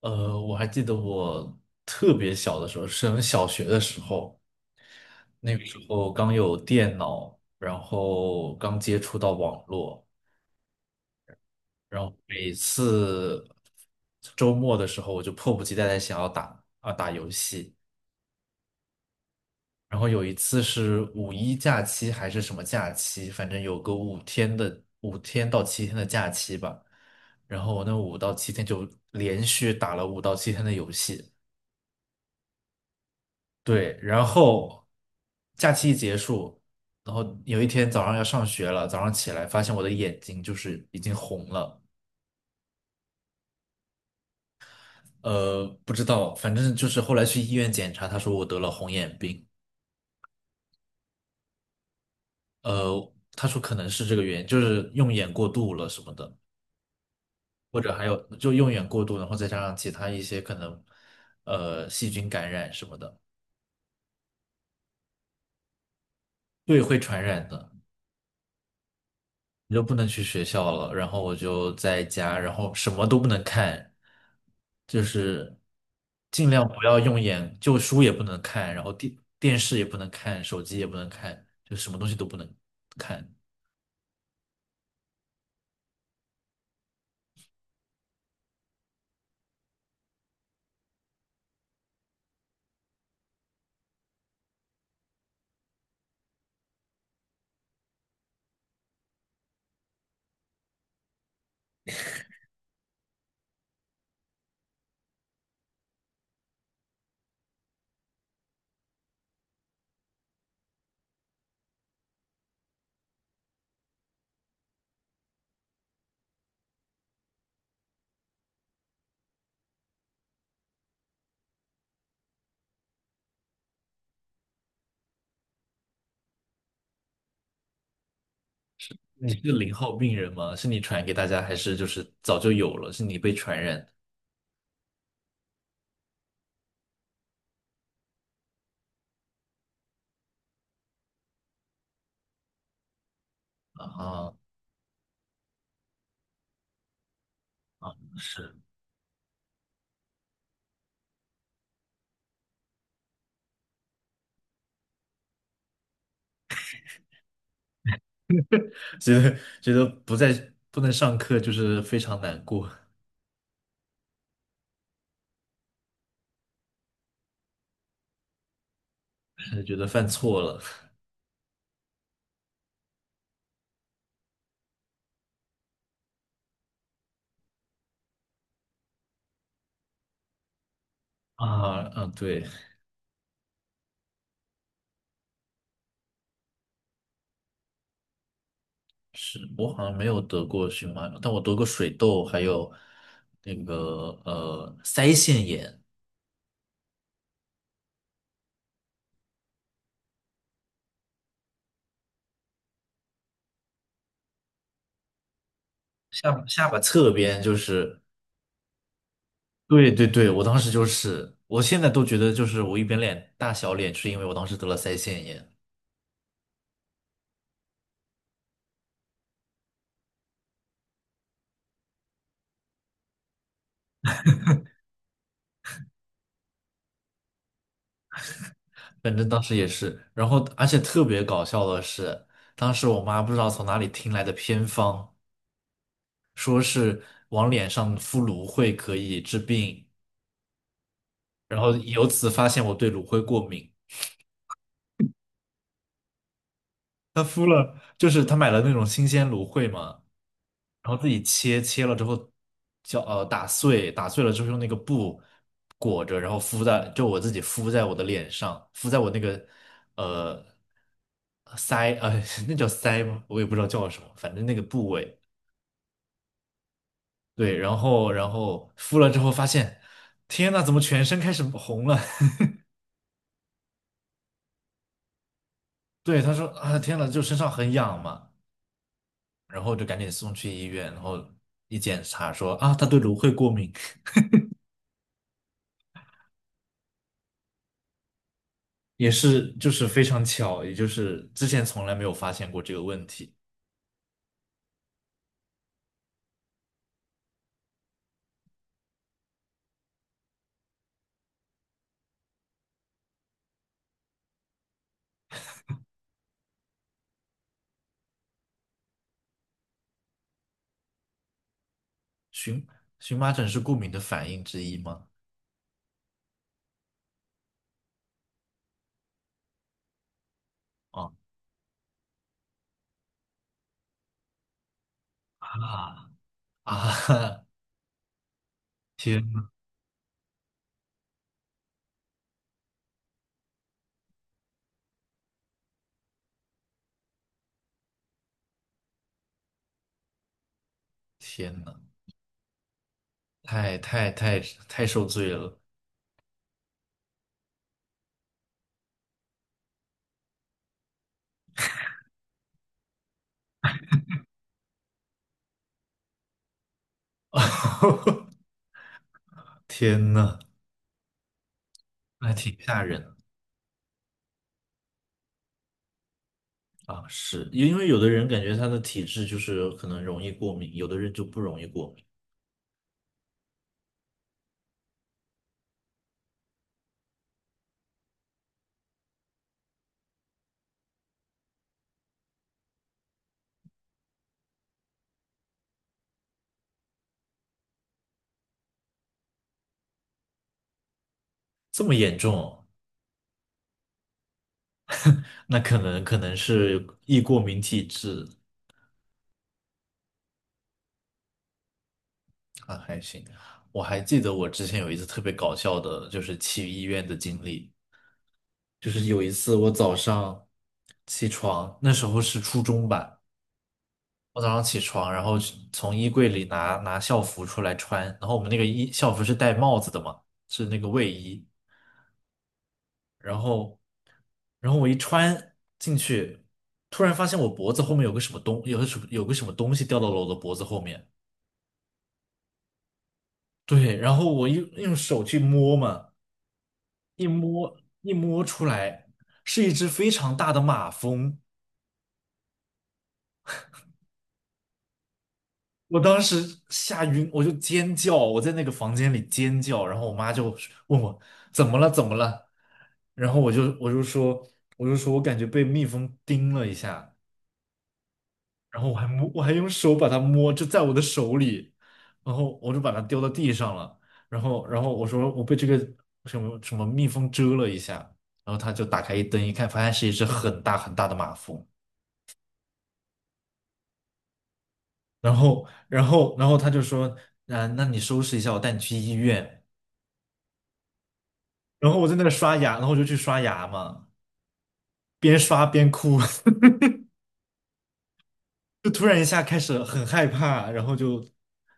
我还记得我特别小的时候，升小学的时候，那个时候刚有电脑，然后刚接触到网络，然后每次周末的时候，我就迫不及待的想要打游戏。然后有一次是五一假期还是什么假期，反正有个5天到7天的假期吧。然后我那五到七天就连续打了五到七天的游戏。对，然后假期一结束，然后有一天早上要上学了，早上起来发现我的眼睛就是已经红了。不知道，反正就是后来去医院检查，他说我得了红眼病。他说可能是这个原因，就是用眼过度了什么的，或者还有就用眼过度，然后再加上其他一些可能细菌感染什么的。对，会传染的。你就不能去学校了，然后我就在家，然后什么都不能看，就是尽量不要用眼，就书也不能看，然后电视也不能看，手机也不能看，就什么东西都不能看。你是个0号病人吗？是你传给大家，还是就是早就有了？是你被传染的啊？是，觉得不能上课就是非常难过。觉得犯错了 啊，嗯，对。是我好像没有得过荨麻疹，但我得过水痘，还有那个腮腺炎，下巴侧边就是。对对对，我当时就是，我现在都觉得就是我一边脸大小脸，是因为我当时得了腮腺炎，反正当时也是。然后而且特别搞笑的是，当时我妈不知道从哪里听来的偏方，说是往脸上敷芦荟可以治病，然后由此发现我对芦荟过敏。就是他买了那种新鲜芦荟嘛，然后自己切了之后打碎，打碎了之后用那个布裹着，然后就我自己敷在我的脸上，敷在我那个呃腮那叫腮吗？我也不知道叫什么，反正那个部位。对，然后敷了之后发现，天呐，怎么全身开始红了？对，他说啊，天呐，就身上很痒嘛，然后就赶紧送去医院，然后一检查说啊，他对芦荟过敏。也是就是非常巧，也就是之前从来没有发现过这个问题。荨荨麻疹是过敏的反应之一吗？啊啊啊！天呐天呐，太太太太受罪了！天呐，那挺吓人的啊！是因为有的人感觉他的体质就是可能容易过敏，有的人就不容易过敏，这么严重哦 那可能是易过敏体质。啊，还行。我还记得我之前有一次特别搞笑的，就是去医院的经历。就是有一次我早上起床，那时候是初中吧，我早上起床，然后去从衣柜里拿校服出来穿，然后我们那个校服是戴帽子的嘛，是那个卫衣，然后然后我一穿进去，突然发现我脖子后面有个什么东西掉到了我的脖子后面。对，然后我用手去摸嘛，一摸一摸出来是一只非常大的马蜂，我当时吓晕，我就尖叫，我在那个房间里尖叫，然后我妈就问我怎么了怎么了，然后我就说我感觉被蜜蜂叮了一下，然后我还用手把它摸，就在我的手里，然后我就把它丢到地上了，然后我说我被这个什么什么蜜蜂蛰了一下，然后他就打开一灯一看，发现是一只很大很大的马蜂。然后他就说，啊，那你收拾一下，我带你去医院。然后我在那刷牙，然后我就去刷牙嘛，边刷边哭。就突然一下开始很害怕，然后就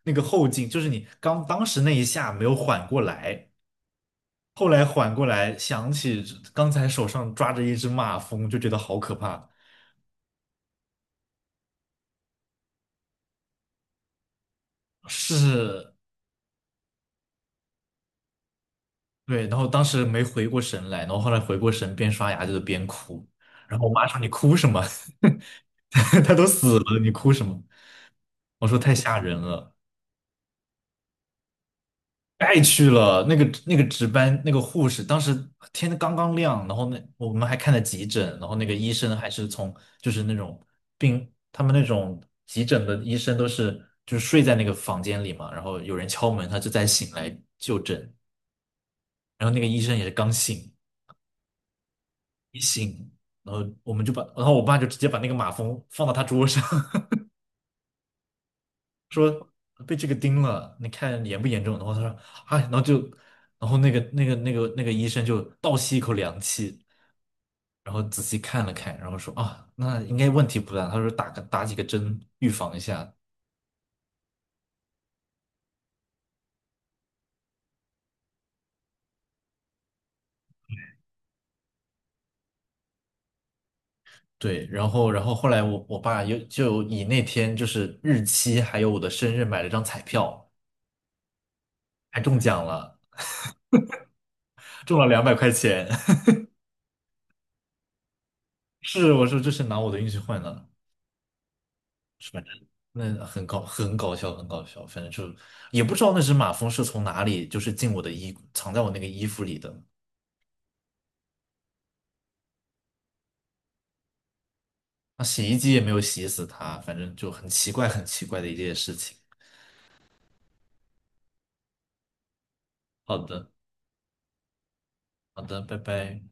那个后劲，就是你刚当时那一下没有缓过来，后来缓过来，想起刚才手上抓着一只马蜂，就觉得好可怕，是对，然后当时没回过神来，然后后来回过神，边刷牙就是边哭。然后我妈说："你哭什么？他都死了，你哭什么？"我说："太吓人了，爱去了。那个值班那个护士，当时天刚刚亮，然后那我们还看了急诊，然后那个医生还是从就是那种病，他们那种急诊的医生都是就是睡在那个房间里嘛，然后有人敲门，他就再醒来就诊，然后那个医生也是刚醒。"一醒，然后我们就把，然后我爸就直接把那个马蜂放到他桌上。被这个叮了，你看严不严重？然后他说，啊，然后就，然后那个医生就倒吸一口凉气，然后仔细看了看，然后说啊，那应该问题不大。他说打几个针预防一下。对，然后后来我爸又就以那天就是日期还有我的生日买了张彩票，还中奖了，中了200块钱。是，我说这是拿我的运气换的。那很搞笑，很搞笑。反正就也不知道那只马蜂是从哪里，就是进我的衣，藏在我那个衣服里的。那洗衣机也没有洗死它，反正就很奇怪，很奇怪的一件事情。好的，好的，拜拜。